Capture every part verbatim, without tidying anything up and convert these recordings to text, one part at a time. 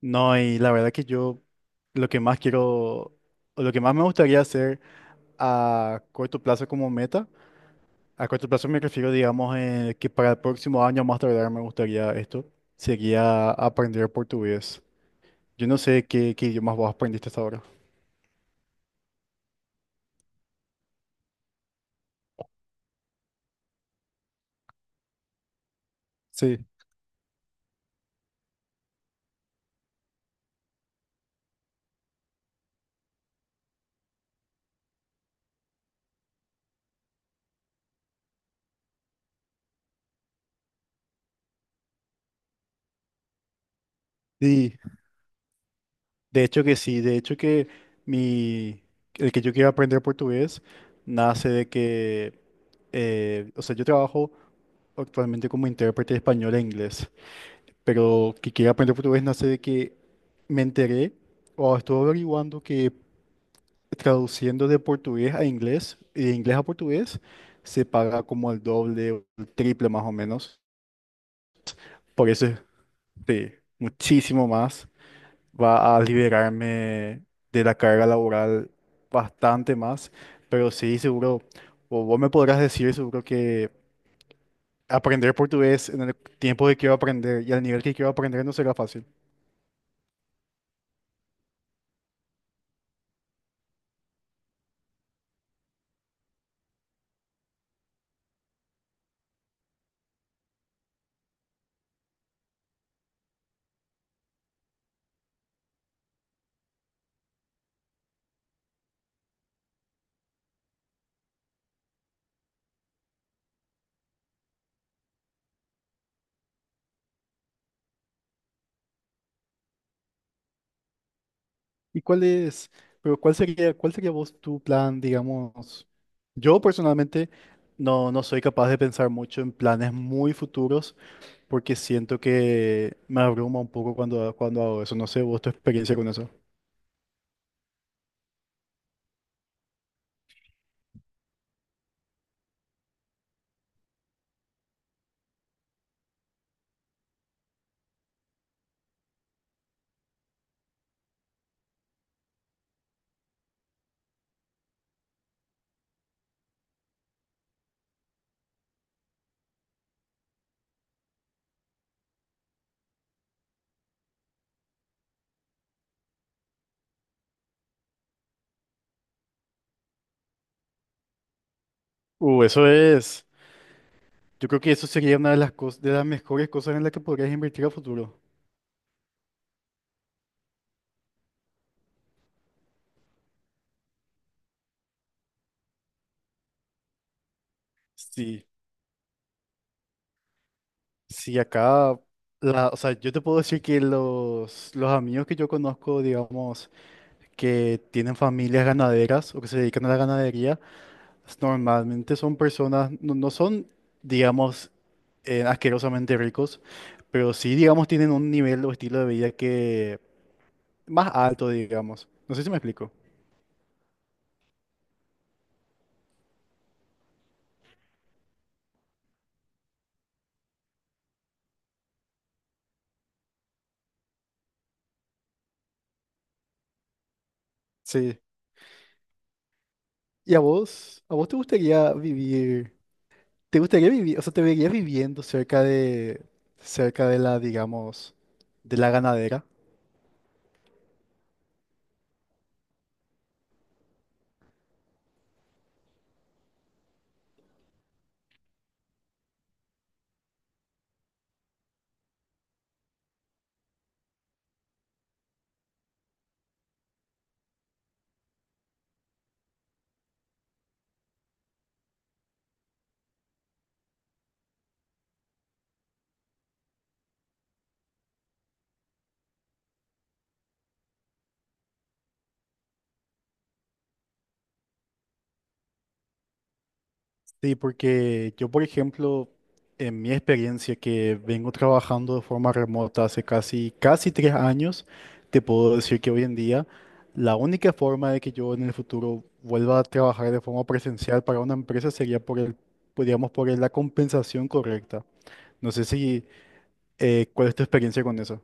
No, y la verdad que yo lo que más quiero, o lo que más me gustaría hacer a corto plazo como meta, a corto plazo me refiero, digamos, eh, que para el próximo año más tardar me gustaría esto, sería aprender portugués. Yo no sé qué, qué idiomas vos aprendiste hasta ahora. Sí. Sí, de hecho que sí, de hecho que mi, el que yo quiero aprender portugués nace de que, eh, o sea, yo trabajo actualmente como intérprete de español e inglés. Pero que quiera aprender portugués nace de que me enteré o estuve averiguando que traduciendo de portugués a inglés y de inglés a portugués se paga como el doble o el triple más o menos. Por eso es, sí, muchísimo más. Va a liberarme de la carga laboral bastante más, pero sí, seguro, o vos me podrás decir seguro que aprender portugués en el tiempo que quiero aprender y al nivel que quiero aprender no será fácil. ¿Y cuál es, pero cuál sería, cuál sería vos tu plan, digamos? Yo personalmente no, no soy capaz de pensar mucho en planes muy futuros porque siento que me abruma un poco cuando, cuando hago eso. No sé, vos tu experiencia con eso. Uh, eso es. Yo creo que eso sería una de las cosas, de las mejores cosas en las que podrías invertir a futuro. Sí, sí, acá, la, o sea, yo te puedo decir que los, los amigos que yo conozco, digamos, que tienen familias ganaderas o que se dedican a la ganadería, pues, Normalmente son personas, no, no son, digamos, eh, asquerosamente ricos, pero sí, digamos, tienen un nivel o estilo de vida que más alto, digamos. No sé si me explico. Sí. ¿Y a vos? ¿A vos te gustaría vivir? ¿Te gustaría vivir? O sea, ¿te verías viviendo cerca de, cerca de la, digamos, de la ganadera? Sí, porque yo, por ejemplo, en mi experiencia que vengo trabajando de forma remota hace casi, casi tres años, te puedo decir que hoy en día la única forma de que yo en el futuro vuelva a trabajar de forma presencial para una empresa sería por el, podríamos por el- la compensación correcta. No sé si, eh, ¿cuál es tu experiencia con eso?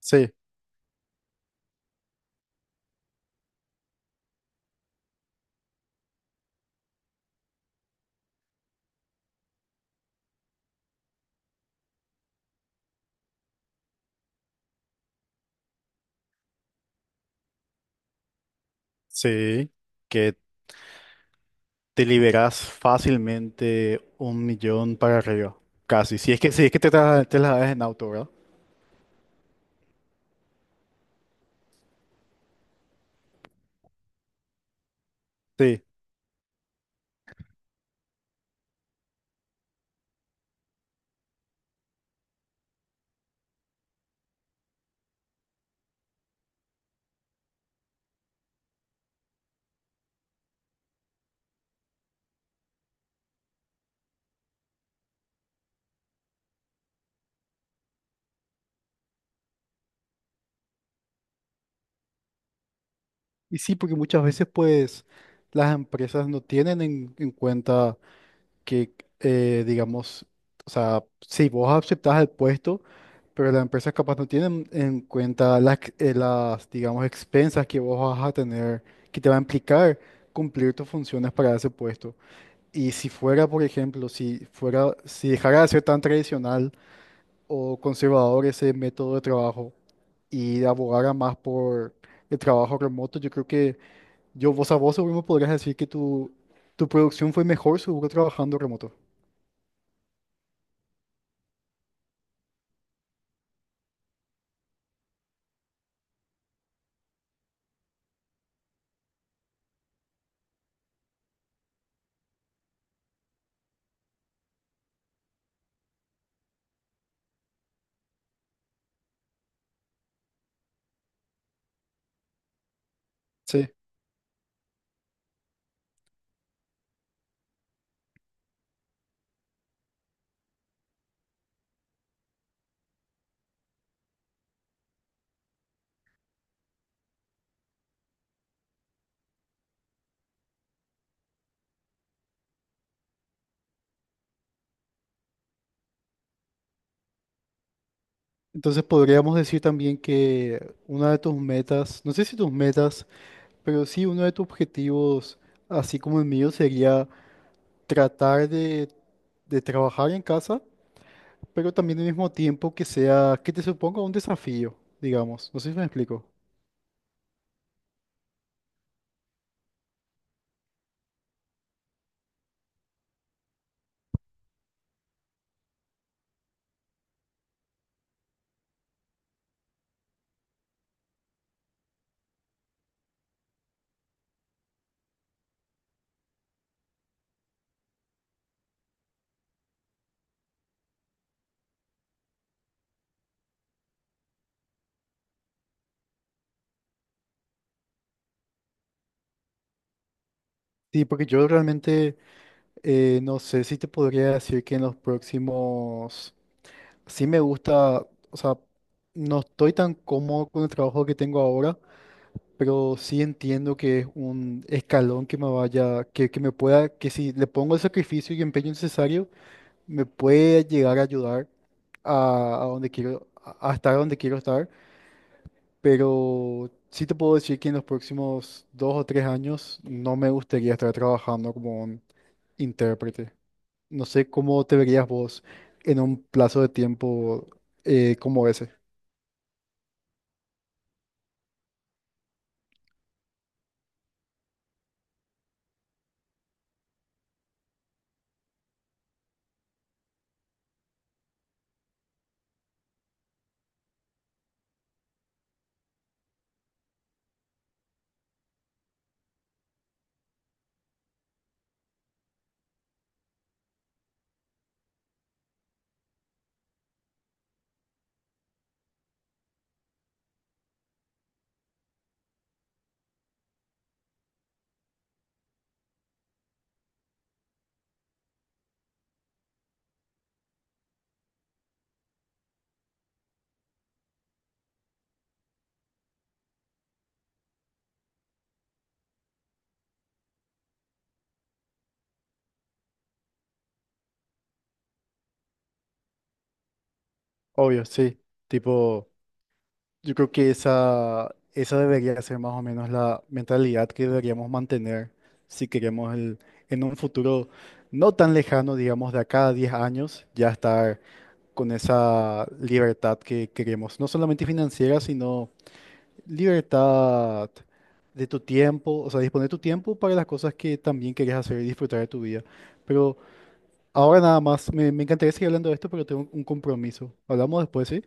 Sí, sí, que te liberas fácilmente un millón para arriba, casi. Si es que, si es que te, tra- te la das en auto, ¿verdad? Sí. Y sí, porque muchas veces pues las empresas no tienen en, en cuenta que, eh, digamos, o sea, si vos aceptás el puesto, pero las empresas capaz no tienen en cuenta las, ex- eh, las, digamos, expensas que vos vas a tener, que te va a implicar cumplir tus funciones para ese puesto. Y si fuera, por ejemplo, si fuera, si dejara de ser tan tradicional o conservador ese método de trabajo y abogara más por el trabajo remoto, yo creo que yo, vos a vos seguro me podrías decir que tu, tu producción fue mejor seguro trabajando remoto. Sí. Entonces podríamos decir también que una de tus metas, no sé si tus metas, pero sí uno de tus objetivos, así como el mío, sería tratar de, de trabajar en casa, pero también al mismo tiempo que sea, que te suponga un desafío, digamos. No sé si me explico. Sí, porque yo realmente eh, no sé si te podría decir que en los próximos. Sí, me gusta, o sea, no estoy tan cómodo con el trabajo que tengo ahora, pero sí entiendo que es un escalón que me vaya, que, que me pueda, que si le pongo el sacrificio y empeño necesario, me puede llegar a ayudar a, a donde quiero, a a estar donde quiero estar, pero sí te puedo decir que en los próximos dos o tres años no me gustaría estar trabajando como un intérprete. No sé cómo te verías vos en un plazo de tiempo eh, como ese. Obvio, sí. Tipo, yo creo que esa, esa debería ser más o menos la mentalidad que deberíamos mantener si queremos el, en un futuro no tan lejano, digamos, de acá a diez años, ya estar con esa libertad que queremos, no solamente financiera, sino libertad de tu tiempo, o sea, disponer tu tiempo para las cosas que también quieres hacer y disfrutar de tu vida. Pero ahora nada más, me, me encantaría seguir hablando de esto, pero tengo un compromiso. Hablamos después, ¿sí?